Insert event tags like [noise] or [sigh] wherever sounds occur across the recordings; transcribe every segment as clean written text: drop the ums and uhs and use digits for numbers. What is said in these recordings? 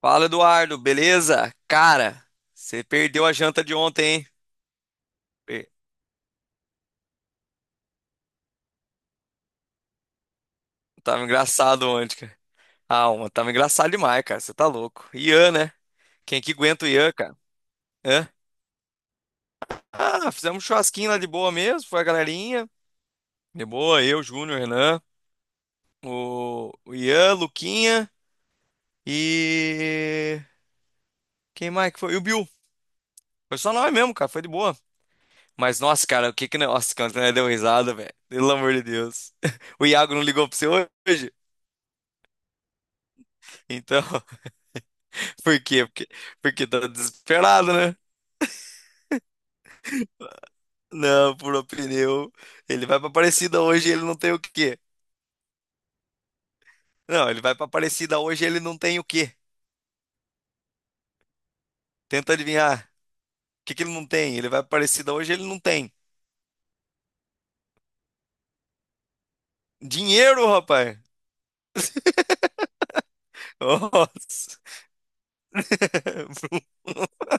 Fala, Eduardo, beleza? Cara, você perdeu a janta de ontem, hein? Per- Tava engraçado ontem, cara. Ah, tava engraçado demais, cara. Você tá louco. Ian, né? Quem que aguenta o Ian, cara? Hã? Ah, fizemos um churrasquinho lá de boa mesmo, foi a galerinha. De boa, eu, Júnior, Renan, o Ian, Luquinha e. Quem mais que foi? E o Bill. Foi só nós mesmo, cara, foi de boa. Mas, nossa, cara, o que que. Nossa, cara, deu risada, velho. Pelo amor de Deus. [laughs] O Iago não ligou pra você hoje? Então. Por quê? Porque tá desesperado, né? Não, furou pneu. Ele vai pra Aparecida hoje e ele não tem o quê? Não, ele vai pra Aparecida hoje e ele não tem o quê? Tenta adivinhar. O que que ele não tem? Ele vai pra Aparecida hoje e ele não tem. Dinheiro, rapaz! Nossa! [laughs]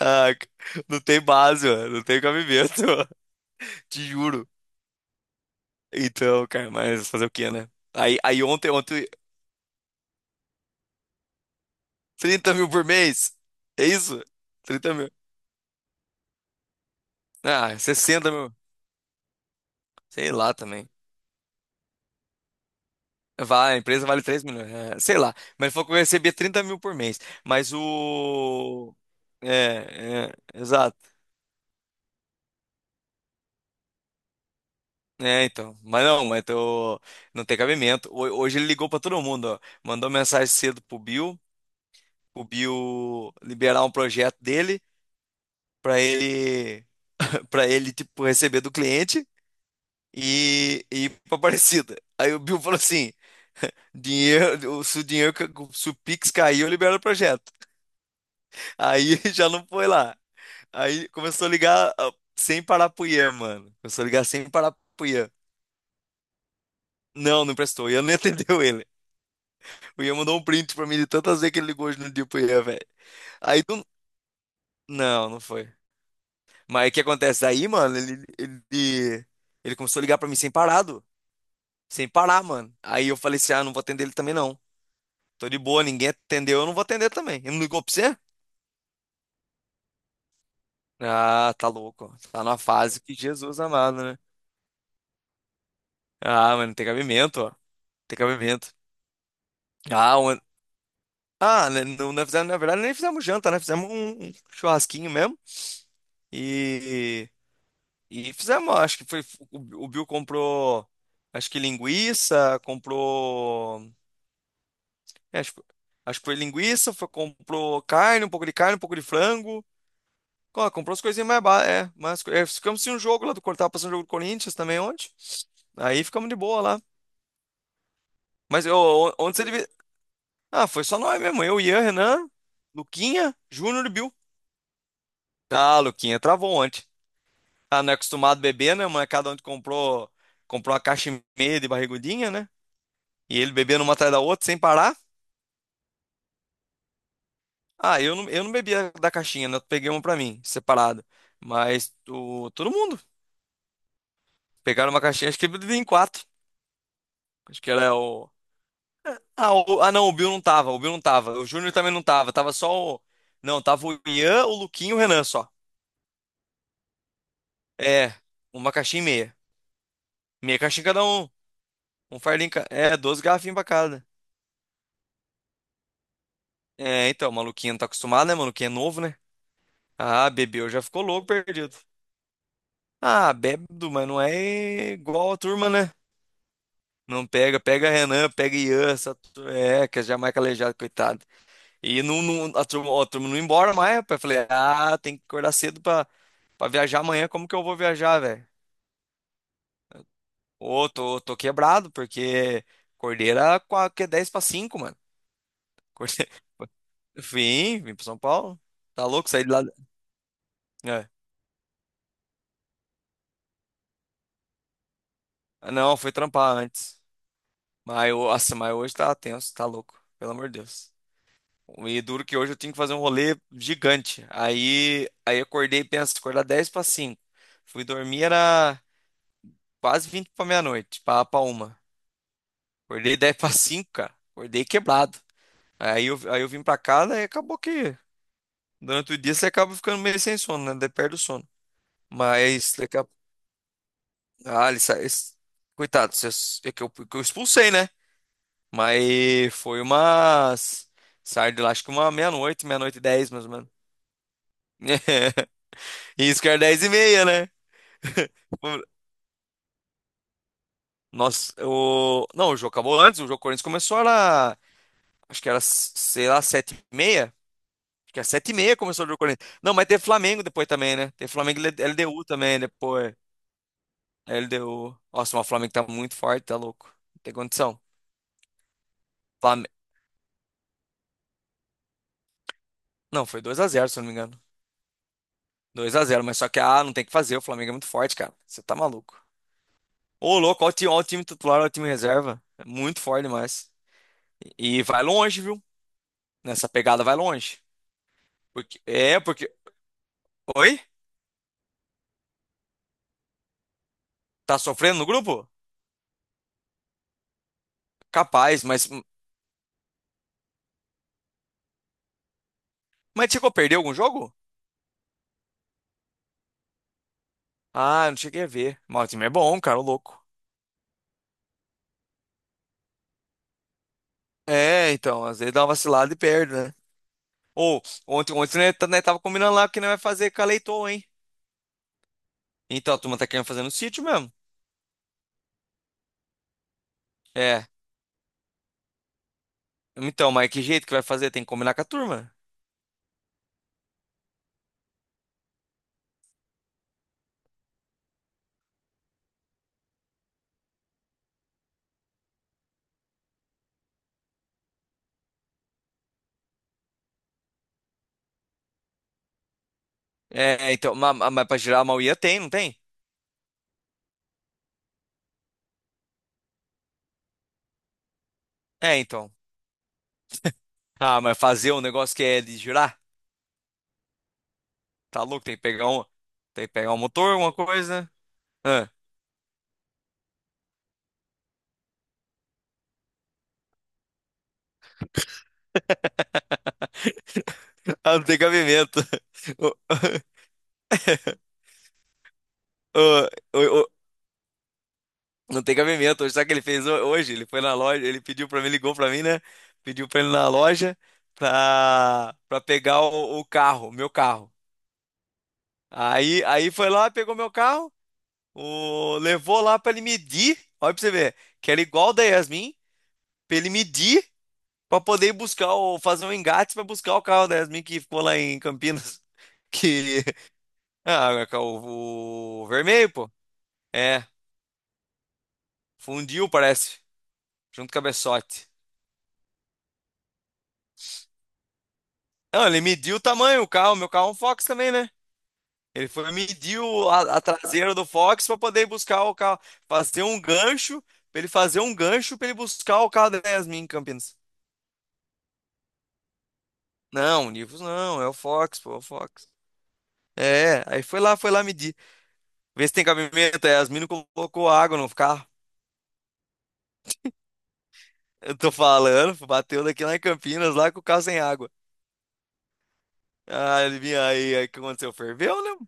Ah, não tem base, ó. Não tem cabimento, [laughs] ó. Te juro. Então, cara, mas fazer o quê, né? Aí ontem, ontem, 30 mil por mês. É isso? 30 mil. Ah, 60 mil. Sei lá também. Vai, a empresa vale 3 milhões. É, sei lá. Mas ele falou que eu recebia 30 mil por mês. Mas o. É, é, exato. É, então. Mas não, não tem cabimento. Hoje ele ligou pra todo mundo, ó. Mandou mensagem cedo pro Bill, o Bill liberar um projeto dele pra ele, [laughs] para ele tipo receber do cliente e ir pra Aparecida. Aí o Bill falou assim: dinheiro, se o dinheiro, se o Pix caiu, eu libero o projeto. Aí [laughs] já não foi lá. Aí começou a ligar sem parar pro Ian, mano. Começou a ligar sem parar pro Ian. Não, não prestou. O Ian nem [laughs] atendeu ele. O Ian mandou um print pra mim de tantas vezes que ele ligou hoje no dia pro Ian, velho. Aí do... Não, não foi. Mas o que acontece? Aí, mano, ele começou a ligar pra mim sem parado. Sem parar, mano. Aí eu falei assim: ah, não vou atender ele também, não. Tô de boa, ninguém atendeu, eu não vou atender também. Ele não ligou pra você? Ah, tá louco, ó. Tá numa fase que Jesus amado, né? Ah, mano, tem cabimento, ó. Tem cabimento. Ah, on- Ah, né, não, não fizemos, na verdade, nem fizemos janta, né? Fizemos um churrasquinho mesmo. E, e fizemos, acho que foi. O Bill comprou, acho que linguiça, comprou. É, acho, acho que foi linguiça, comprou carne, um pouco de carne, um pouco de frango. Ó, comprou as coisinhas mais é, mas é, ficamos sem um jogo lá do Cortar, passando um jogo do Corinthians também ontem. Aí ficamos de boa lá. Mas eu, ontem você devia. Ah, foi só nós mesmo. Eu, Ian, Renan, Luquinha, Júnior e Bill. Ah, Luquinha travou ontem. Ah, não é acostumado a beber, né? Mas cada um comprou uma caixa e meia de barrigudinha, né? E ele bebendo uma atrás da outra sem parar. Ah, eu não bebia da caixinha, né? Eu peguei uma pra mim, separada. Mas todo mundo pegaram uma caixinha, acho que ele bebia em quatro. Acho que era o. Ah, ah, não, o Bill não tava, o Bill não tava. O Júnior também não tava, tava só o. Não, tava o Ian, o Luquinho e o Renan só. É, uma caixinha e meia. Meia caixinha cada um. Um fardinho. É, 12 garrafinhas pra cada. É, então, o maluquinho não tá acostumado, né? Maluquinho é novo, né? Ah, bebeu, já ficou louco perdido. Ah, bêbado, mas não é igual a turma, né? Não pega, pega Renan, pega Ian, essa é, que já é jamais calejado, coitado. E não, a turma, ó, a turma não ia embora mais, rapaz. Eu falei, ah, tem que acordar cedo pra, pra viajar amanhã, como que eu vou viajar, velho? Ô, tô quebrado, porque acordei era que é 10 pra 5, mano. Acordei- [laughs] vim pra São Paulo. Tá louco, saí de lá. É. Ah, não, fui trampar antes. Mas, nossa, mas hoje tá tenso, tá louco, pelo amor de Deus. E duro que hoje eu tinha que fazer um rolê gigante. Aí eu acordei, penso, acordar 10 para cinco. Fui dormir, era quase 20 para meia-noite, para uma. Acordei 10 para cinco, cara. Acordei quebrado. Aí eu vim para casa e acabou que durante o dia você acaba ficando meio sem sono, né? Daí perde o sono. Mas daqui a... Ah, ele sa... coitado, é que eu expulsei, né? Mas foi umas... Saí de lá, acho que uma meia-noite, meia-noite e 10, mais ou menos. [laughs] Isso que era 10 e meia, né? Por- Nossa, o... Não, o jogo acabou antes, o jogo Corinthians começou era... Acho que era, sei lá, sete e meia. Acho que é sete e meia começou o jogo Corinthians. Não, mas teve Flamengo depois também, né? Teve Flamengo e LDU também depois. LDU. Nossa, mas o Flamengo tá muito forte, tá louco. Não tem condição. Flam- Não, foi 2 a 0 se eu não me engano. 2 a 0, mas só que, ah, não tem o que fazer, o Flamengo é muito forte, cara. Você tá maluco. Ô, louco, olha o time titular, olha o time reserva. É muito forte demais. E vai longe, viu? Nessa pegada vai longe. Porque... É, porque... Oi? Tá sofrendo no grupo? Capaz, mas. Mas chegou a perder algum jogo? Ah, não cheguei a ver. Mas o time é bom, cara, ô louco. É, então, às vezes dá uma vacilada e perde, né? Ou, ontem, ontem, né, né, tava combinando lá que não vai fazer com a Leitoa, hein? Então, a turma tá querendo fazer no sítio mesmo. É. Então, mas que jeito que vai fazer? Tem que combinar com a turma. É, é, então, mas, pra girar a Mauia tem, não tem? É, então. Ah, mas fazer um negócio que é de girar? Tá louco, tem que pegar um. Tem que pegar um motor, alguma coisa. [laughs] Ah, não tem cabimento. O- o- o- o- Não tem cabimento. Hoje, sabe o que ele fez hoje? Ele foi na loja, ele pediu pra mim, ligou pra mim, né? Pediu pra ele ir na loja pra pegar o carro, meu carro. Aí foi lá, pegou meu carro, levou lá pra ele medir. Olha pra você ver, que era igual o da Yasmin, pra ele medir pra poder ir buscar, fazer um engate pra buscar o carro da Yasmin que ficou lá em Campinas. [laughs] Que Ah, é o vermelho, pô. É, fundiu, parece, junto com a cabeçote. Não, ele mediu o tamanho, o carro, meu carro é um Fox também, né? Ele foi medir a traseira do Fox para poder buscar o carro, fazer um gancho, pra ele fazer um gancho pra ele buscar o carro da Yasmin em Campinas. Não, o Nivus não, é o Fox, pô, é o Fox. É, aí foi lá, medir. Vê se tem cabimento, a Yasmin não colocou água no carro. Eu tô falando, bateu daqui lá em Campinas, lá com o carro sem água. Ah, adivinha aí o que aconteceu? Ferveu, né?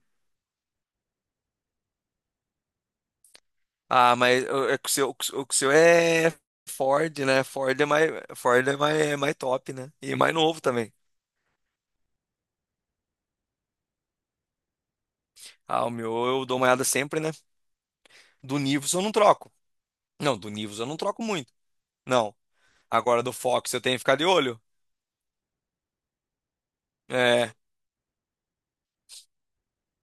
Ah, mas o, é que o seu, o que o seu é Ford, né? Ford é mais, é mais top, né? E mais novo também. Ah, o meu eu dou uma olhada sempre, né? Do Nivus eu não troco. Não, do Nivus eu não troco muito. Não. Agora do Fox eu tenho que ficar de olho. É.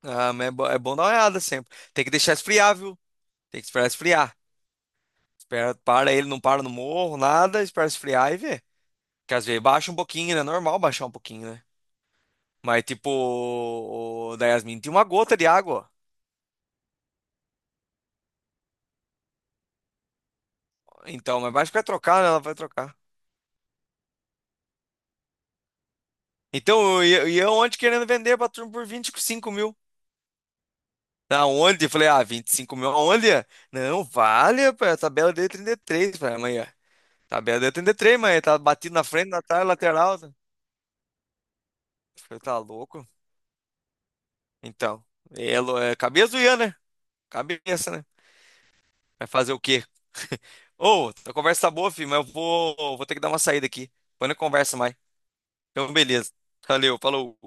Ah, mas é, é bom dar uma olhada sempre. Tem que deixar esfriar, viu? Tem que esperar esfriar. Espera, para ele, não para no morro, nada, espera esfriar e vê. Que às vezes baixa um pouquinho, né? Normal baixar um pouquinho, né? Mas, tipo, o da Yasmin tinha uma gota de água. Então, mas acho que vai trocar, né? Ela vai trocar. Então, e eu querendo vender pra turma por 25 mil. Aonde? Eu falei, ah, 25 mil aonde? Não, vale, rapaz, a tabela deu 33, falei, amanhã. Tabela deu 33, mas tá batido na frente, na trás, lateral. Eu falei, tá louco? Então, é, é cabeça do Ian, né? Cabeça, né? Vai fazer o quê? [laughs] Ô, a conversa tá boa, filho, mas eu vou ter que dar uma saída aqui. Depois a gente conversa mais. Então, beleza. Valeu, falou.